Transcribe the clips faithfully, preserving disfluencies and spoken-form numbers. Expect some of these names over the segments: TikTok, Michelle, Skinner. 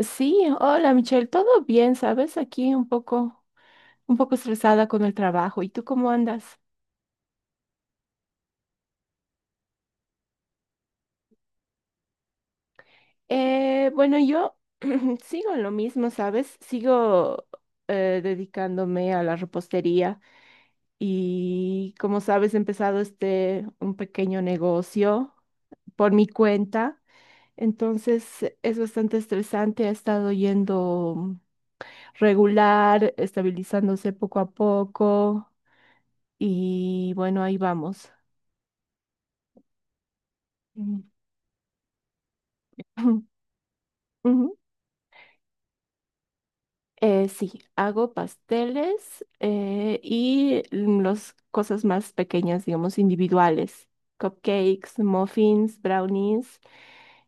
Sí, hola Michelle, todo bien, ¿sabes? Aquí un poco, un poco estresada con el trabajo. ¿Y tú cómo andas? Eh, bueno, yo sigo en lo mismo, ¿sabes? Sigo eh, dedicándome a la repostería y, como sabes, he empezado este un pequeño negocio por mi cuenta. Entonces es bastante estresante, ha estado yendo regular, estabilizándose poco a poco y bueno, ahí vamos. Ujú, ujú. Eh, sí, hago pasteles eh, y las cosas más pequeñas, digamos, individuales. Cupcakes, muffins, brownies,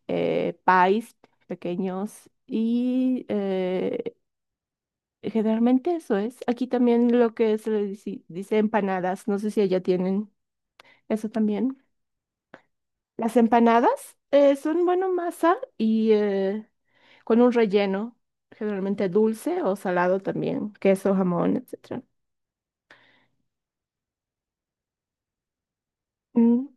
eh, pies pequeños y eh, generalmente eso es. Aquí también lo que se le dice, dice empanadas, no sé si allá tienen eso también. Las empanadas eh, son, bueno, masa y... eh, con un relleno, generalmente dulce o salado también, queso, jamón, etcétera. Mm,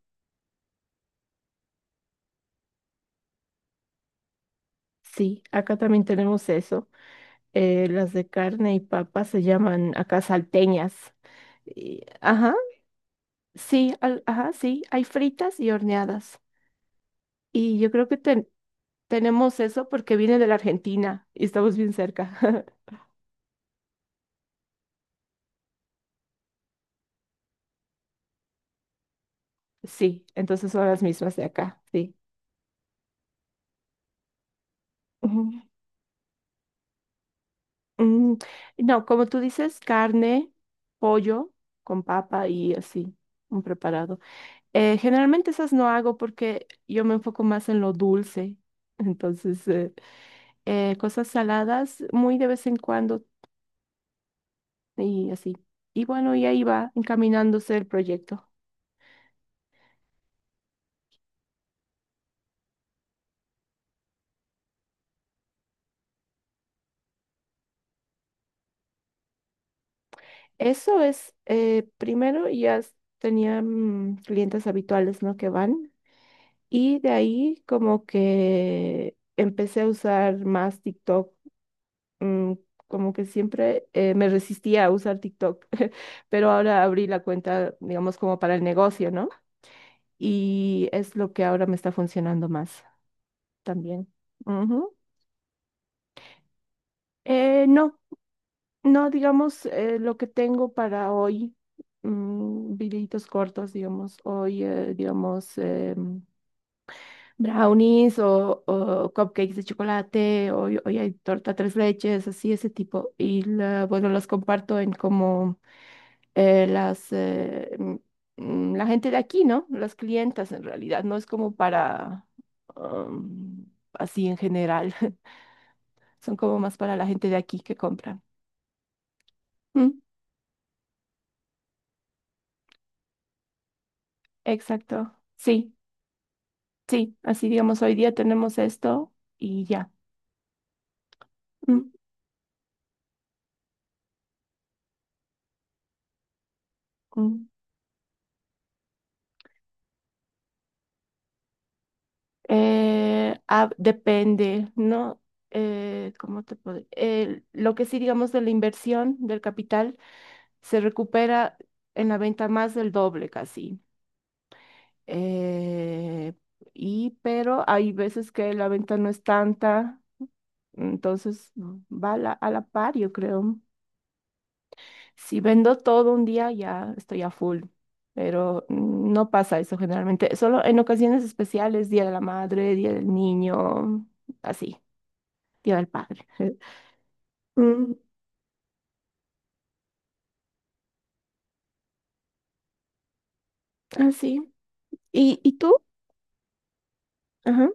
sí, acá también tenemos eso. Eh, las de carne y papa se llaman acá salteñas. Y- ajá, sí, al- ajá, sí, hay fritas y horneadas. Y yo creo que ten- tenemos eso porque viene de la Argentina y estamos bien cerca. Sí, entonces son las mismas de acá, sí. Ujú. Mm, no, como tú dices, carne, pollo con papa y así, un preparado. Eh, generalmente esas no hago porque yo me enfoco más en lo dulce. Entonces, eh, eh, cosas saladas muy de vez en cuando y así. Y bueno, y ahí va encaminándose el proyecto. Eso es, eh, primero ya s- tenía mm, clientes habituales, ¿no? Que van. Y de ahí como que empecé a usar más TikTok, mm, como que siempre eh, me resistía a usar TikTok, pero ahora abrí la cuenta, digamos, como para el negocio, ¿no? Y es lo que ahora me está funcionando más también. Ujú. Eh, no, no, digamos, eh, lo que tengo para hoy, mm, videitos cortos, digamos, hoy, eh, digamos, em, brownies o, o cupcakes de chocolate, hoy, hoy hay torta tres leches, así, ese tipo. Y la- bueno, los comparto en como eh, las, eh, mm, mm, la gente de aquí, ¿no? Las clientas en realidad, no es como para um, así en general, son como más para la gente de aquí que compran. Mm, exacto, sí, sí, así digamos, hoy día tenemos esto y ya. Mm, mm. Eh, ah, depende, ¿no? Eh, ¿cómo te puedo- eh, lo que sí digamos de la inversión del capital se recupera en la venta más del doble casi. eh, y pero hay veces que la venta no es tanta, entonces va a la, a la par, yo creo. Si vendo todo un día, ya estoy a full, pero mm, no pasa eso generalmente, solo en ocasiones especiales, Día de la Madre, Día del Niño, así, Día del Padre. Mm, así. ¿Y, y tú? Ajá,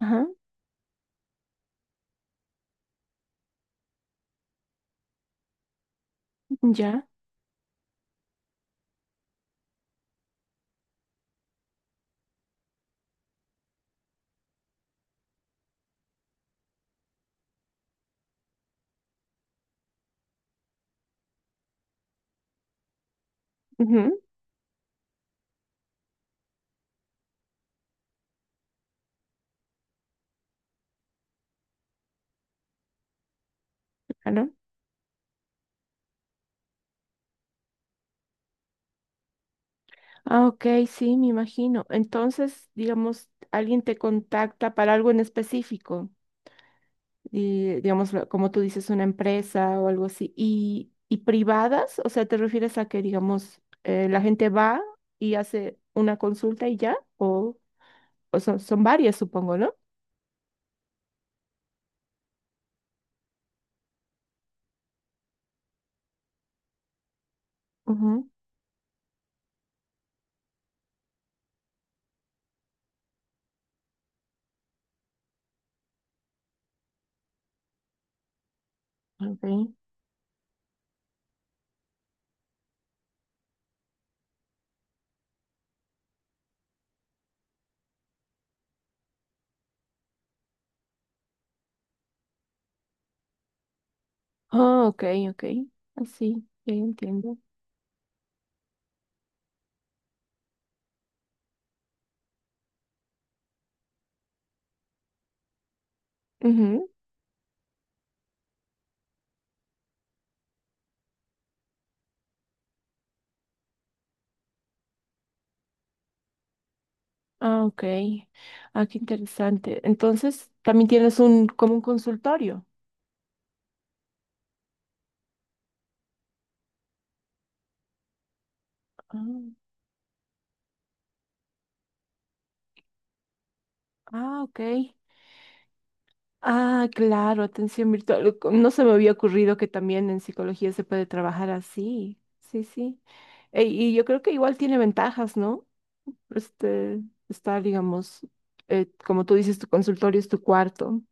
ajá, ya. Ujú, claro. Ah, ok, sí, me imagino. Entonces, digamos, alguien te contacta para algo en específico, y, digamos, lo- como tú dices, una empresa o algo así. ¿Y, y privadas? O sea, ¿te refieres a que, digamos, eh, la gente va y hace una consulta y ya? O, o son, son varias, supongo, ¿no? Ujú, ok. Ah, ok, ok. Así, ya entiendo. Ujú. Ah, ok. Ah, qué interesante. Entonces, también tienes un, como un consultorio. Ah. Ah, ok. Ah, claro, atención virtual. Co- No se me había ocurrido que también en psicología se puede trabajar así. Sí, sí. E- y yo creo que igual tiene ventajas, ¿no? Este, Estar, digamos, eh, como tú dices, tu consultorio es tu cuarto.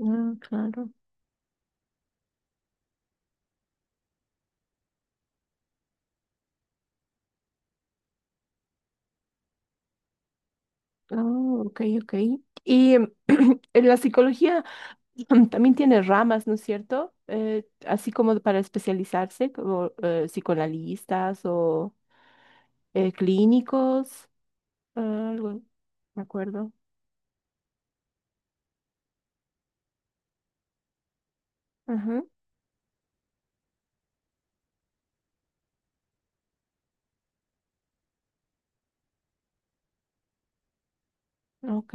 Ah, claro. Ah, ok, ok. Y em, en la psicología también tiene ramas, ¿no es cierto? Eh, así como para especializarse, como eh, psicoanalistas o eh, clínicos. Ah, algo, me acuerdo. Ajá, ok.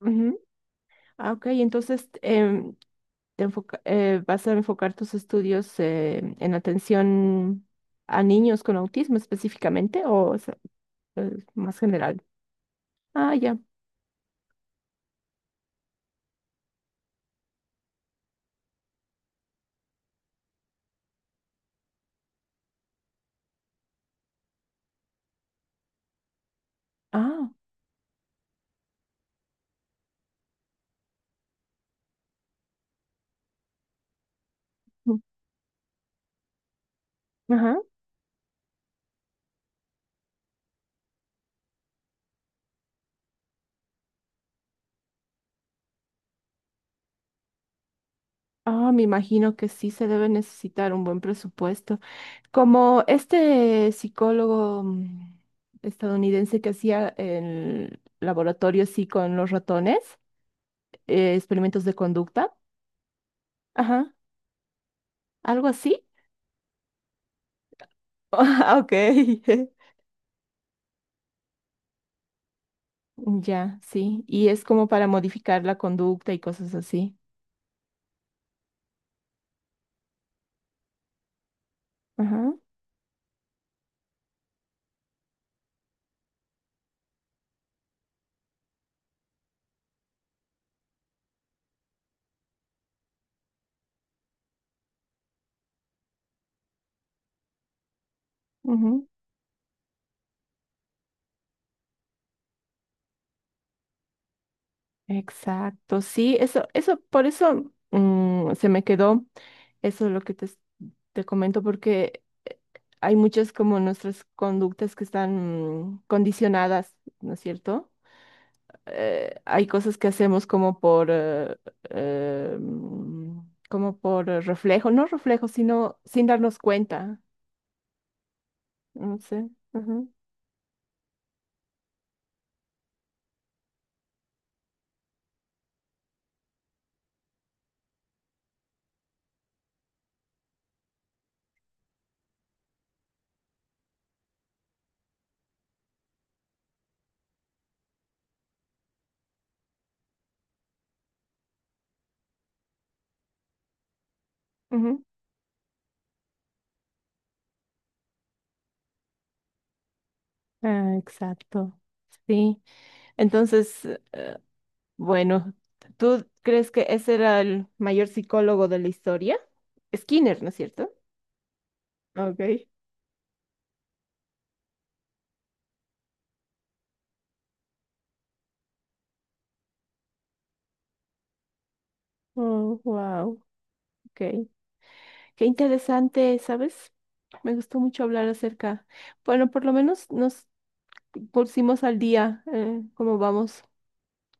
Ujú. Ah, ok, entonces em, te enfoca- eh, vas a enfocar tus estudios eh, en atención a niños con autismo específicamente o es, es más general. Ah, ya. Ah, ujú, ajá. Ah, me imagino que sí se debe necesitar un buen presupuesto. Como este psicólogo mm, estadounidense que hacía el laboratorio así con los ratones. Eh, experimentos de conducta, ajá, algo así. Ah, ok. Ya, sí, y es como para modificar la conducta y cosas así. Ajá, ujú, exacto, sí, eso, eso, por eso mm, se me quedó, eso es lo que te, s- te comento, porque eh, hay muchas como nuestras conductas que están mm, condicionadas, ¿no es cierto? Eh, hay cosas que hacemos como por, eh, eh, mm, como por eh, reflejo, no reflejo, sino sin darnos cuenta. No sé. Ujú, ujú. Ah, exacto. Sí. Entonces, eh, bueno, ¿tú crees que ese era el mayor psicólogo de la historia? Skinner, ¿no es cierto? Ok. Oh, wow. Ok. Qué interesante, ¿sabes? Me gustó mucho hablar acerca. Bueno, por lo menos nos pusimos al día eh, cómo vamos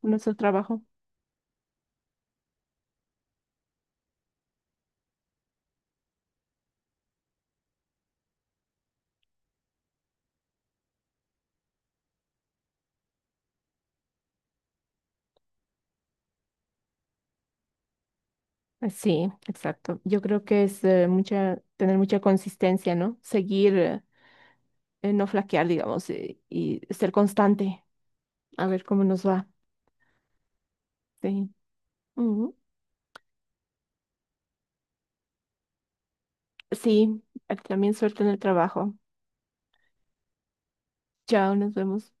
con nuestro trabajo. Eh, Sí, exacto. Yo creo que es eh, mucha, tener mucha consistencia, ¿no? Seguir, eh, eh, no flaquear, digamos, eh, y ser constante, a ver cómo nos va. Sí. Ujú. Sí, eh, también suerte en el trabajo. Chao, nos vemos.